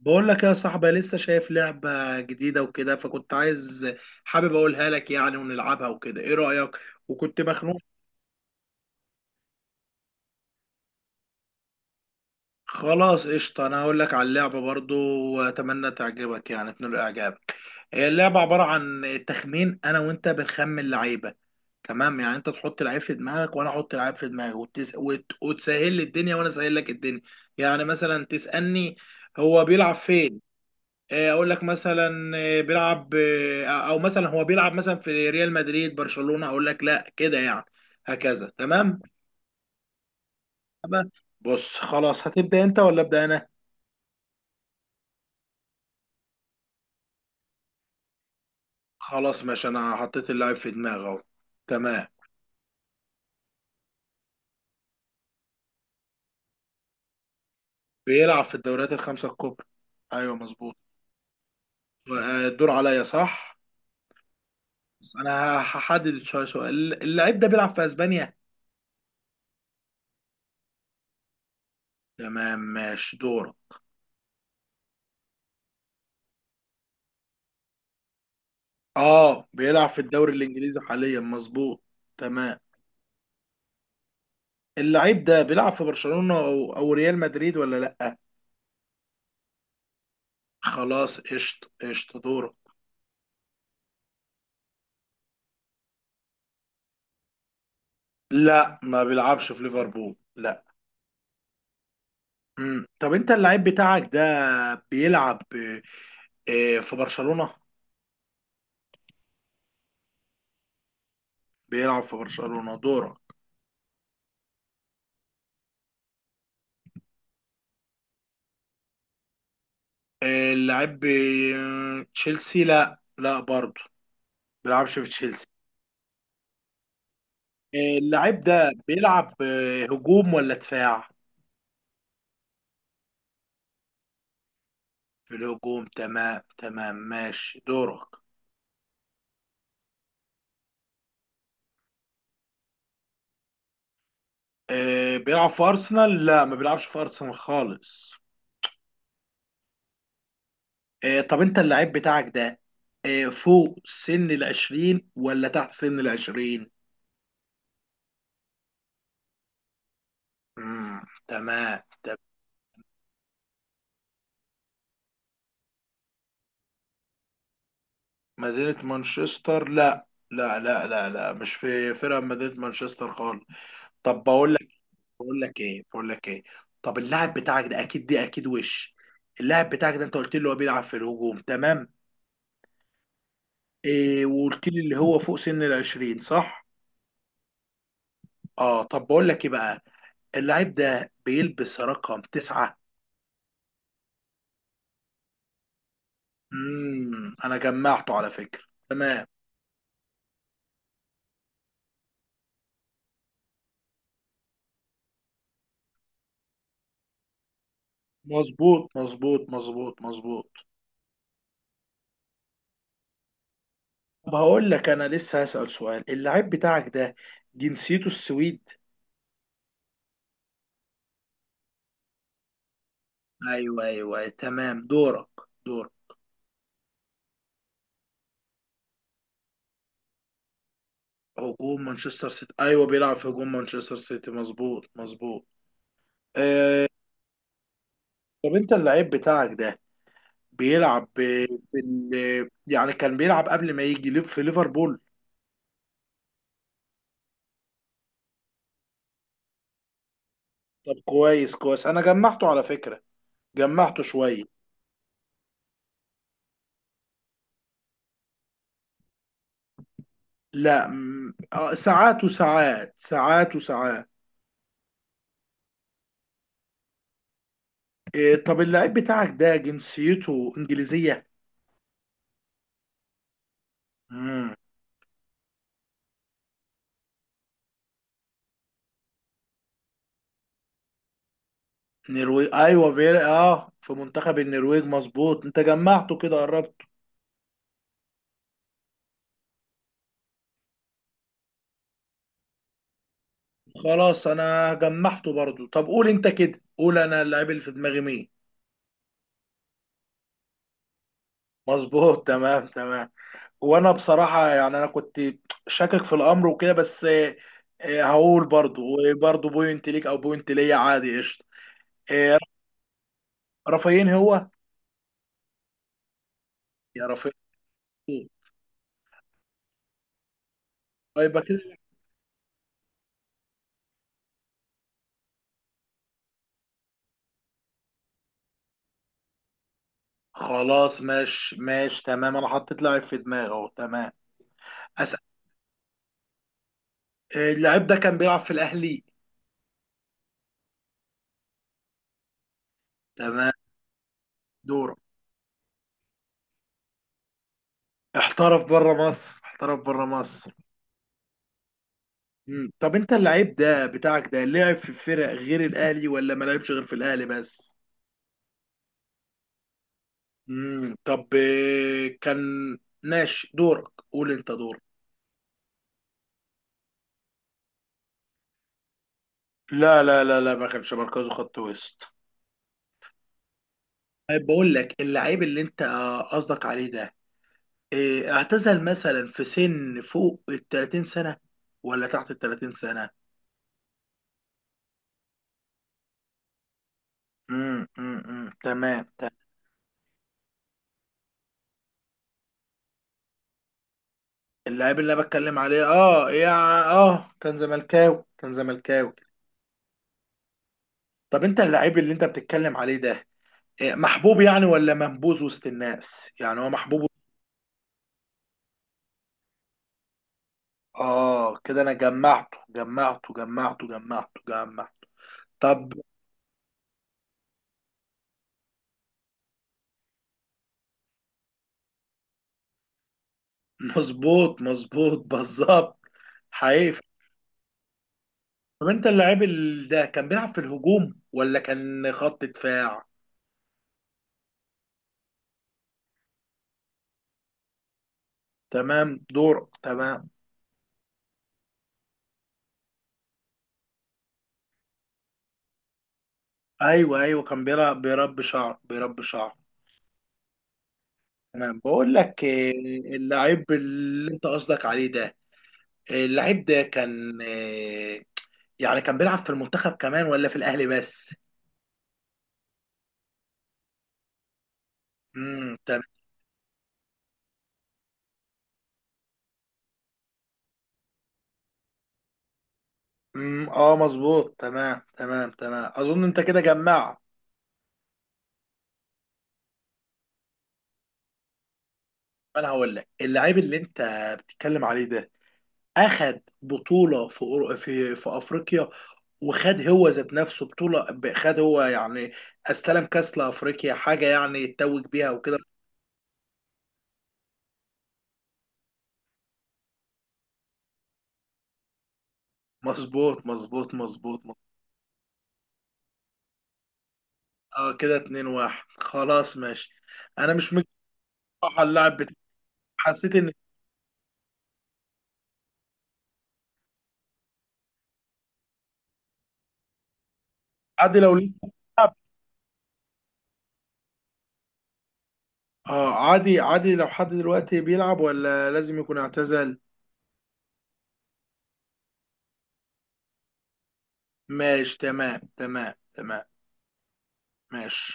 بقول لك يا صاحبي لسه شايف لعبة جديدة وكده، فكنت عايز حابب اقولها لك يعني ونلعبها وكده. ايه رأيك؟ وكنت مخنوق. خلاص قشطة، انا هقول لك على اللعبة برضو واتمنى تعجبك يعني تنال اعجابك. هي اللعبة عبارة عن تخمين، انا وانت بنخمن لعيبة. تمام، يعني انت تحط لعيب في دماغك وانا احط لعيب في دماغي، وتسهل لي الدنيا وانا اسهل لك الدنيا. يعني مثلا تسألني هو بيلعب فين. اقول لك مثلا بيلعب، او مثلا هو بيلعب مثلا في ريال مدريد برشلونة، اقول لك لا كده يعني. هكذا تمام. تمام. بص خلاص، هتبدأ انت ولا ابدأ انا؟ خلاص ماشي، انا حطيت اللاعب في دماغي اهو. تمام. بيلعب في الدوريات الخمسة الكبرى. ايوه مظبوط. الدور عليا صح. بس انا هحدد شوية سؤال، اللاعب ده بيلعب في اسبانيا. تمام ماشي دور. اه بيلعب في الدوري الانجليزي حاليا مظبوط. تمام. اللعيب ده بيلعب في برشلونة او ريال مدريد ولا لا؟ خلاص قشطه قشطه، دورك. لا ما بيلعبش في ليفربول، لا. مم. طب انت اللعيب بتاعك ده بيلعب في برشلونة؟ بيلعب في برشلونة، دورك. اللعيب تشيلسي؟ لا لا برضه، بيلعبش في تشيلسي. اللعيب ده بيلعب هجوم ولا دفاع؟ في الهجوم، تمام تمام ماشي دورك. بيلعب في أرسنال؟ لا ما بيلعبش في أرسنال خالص. طب انت اللعيب بتاعك ده فوق سن العشرين ولا تحت سن العشرين؟ امم تمام طب. مدينة مانشستر، لا لا لا لا لا، مش في فرقة من مدينة مانشستر خالص. طب بقول لك، بقول لك ايه، طب اللاعب بتاعك ده اكيد، دي اكيد وش، اللاعب بتاعك ده انت قلت لي هو بيلعب في الهجوم، تمام. وقلت لي اللي هو فوق سن العشرين صح؟ اه طب بقول لك ايه بقى، اللعيب ده بيلبس رقم تسعة. انا جمعته على فكرة. تمام. مظبوط مظبوط مظبوط مظبوط. طب هقول لك، انا لسه هسأل سؤال. اللاعب بتاعك ده جنسيته السويد؟ ايوه ايوه تمام دورك. دور. هجوم مانشستر سيتي، ايوه بيلعب في هجوم مانشستر سيتي، مظبوط مظبوط. آه. طب انت اللاعب بتاعك ده بيلعب يعني كان بيلعب قبل ما يجي في ليفربول؟ طب كويس كويس، انا جمعته على فكرة، جمعته شوية. لا ساعات وساعات، ساعات وساعات. طب اللعيب بتاعك ده جنسيته انجليزيه؟ امم نرويج، ايوه بير، اه في منتخب النرويج مظبوط، انت جمعته كده، قربته. خلاص انا جمعته برضو. طب قول انت كده قول، انا اللعيب اللي في دماغي مين؟ مظبوط تمام تمام. وانا بصراحه يعني انا كنت شاكك في الامر وكده، بس هقول برضو، وبرضو بوينت ليك او بوينت ليا عادي قشطه. آه، رافايين هو. يا رافايين. يبقى كده. خلاص ماشي ماشي تمام، انا حطيت لاعب في دماغي اهو تمام. اسال. اللاعب ده كان بيلعب في الاهلي؟ تمام دورك. احترف بره مصر. احترف بره مصر. مم. طب انت اللاعب ده بتاعك ده لعب في فرق غير الاهلي ولا ما لعبش غير في الاهلي بس؟ مم. طب آه، كان ماشي دورك قول انت دورك. لا لا لا لا ما كانش مركزه خط وسط. طيب بقول لك، اللعيب اللي انت قصدك عليه ده اعتزل مثلا في سن فوق ال 30 سنة ولا تحت ال 30 سنة؟ تمام تمام. اللاعب اللي انا بتكلم عليه اه يا اه كان زملكاوي كان زملكاوي. طب انت اللاعب اللي انت بتتكلم عليه ده محبوب يعني ولا منبوذ وسط الناس؟ يعني هو محبوب. اه كده انا جمعته جمعته جمعته جمعته جمعته. طب، مظبوط مظبوط بالظبط حقيقي. طب انت اللاعب ده كان بيلعب في الهجوم ولا كان خط دفاع؟ تمام دور. تمام. ايوه ايوه كان بيلعب بيربي شعر بيربي شعر. تمام بقول لك، اللاعب اللي انت قصدك عليه ده اللاعب ده كان يعني كان بيلعب في المنتخب كمان ولا في الاهلي بس؟ تمام. اه مظبوط تمام تمام تمام، اظن انت كده جمعت. انا هقول لك اللاعب اللي انت بتتكلم عليه ده اخد بطوله في في افريقيا، وخد هو ذات نفسه بطوله خد هو يعني استلم كاس لافريقيا حاجه يعني يتوج بيها وكده. مظبوط مظبوط مظبوط مظبوط. اه كده 2-1. خلاص ماشي، انا مش مجمع صراحه. حسيت ان عادي لو لسه بيلعب. اه عادي عادي لو حد دلوقتي بيلعب ولا لازم يكون اعتزل؟ ماشي تمام تمام تمام ماشي.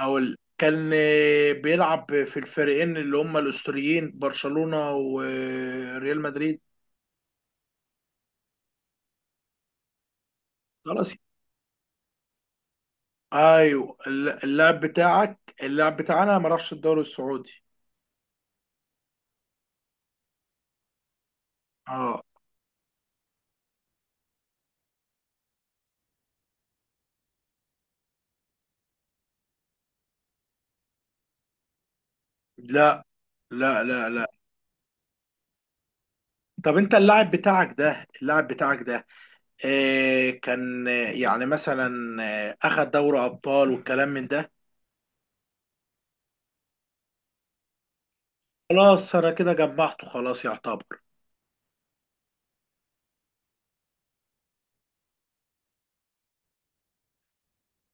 أقول كان بيلعب في الفريقين اللي هما الأسطوريين برشلونة وريال مدريد. خلاص. أيوه اللاعب بتاعك اللاعب بتاعنا ما راحش الدوري السعودي. اه. لا لا لا لا. طب انت اللاعب بتاعك ده اللاعب بتاعك ده آه كان يعني مثلا آه اخد دوري ابطال والكلام من ده. خلاص انا كده جمعته خلاص يعتبر.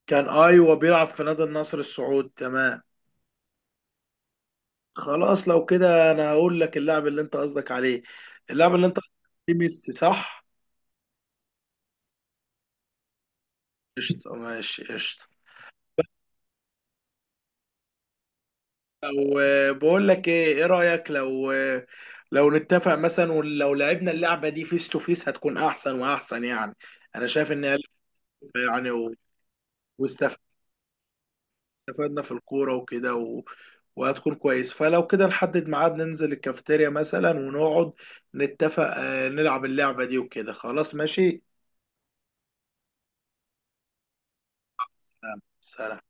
كان ايوه بيلعب في نادي النصر السعودي تمام. خلاص لو كده انا هقول لك اللاعب اللي انت قصدك عليه، اللاعب اللي انت قصدك عليه ميسي صح؟ قشطة ماشي قشطة. لو بقول لك ايه، ايه رأيك، لو لو نتفق مثلا ولو لعبنا اللعبة دي فيس تو فيس هتكون احسن واحسن يعني. انا شايف ان هي يعني واستف- واستفدنا في الكورة وكده وهتكون كويس، فلو كده نحدد ميعاد ننزل الكافيتيريا مثلا ونقعد نتفق نلعب اللعبة دي وكده خلاص ماشي. سلام.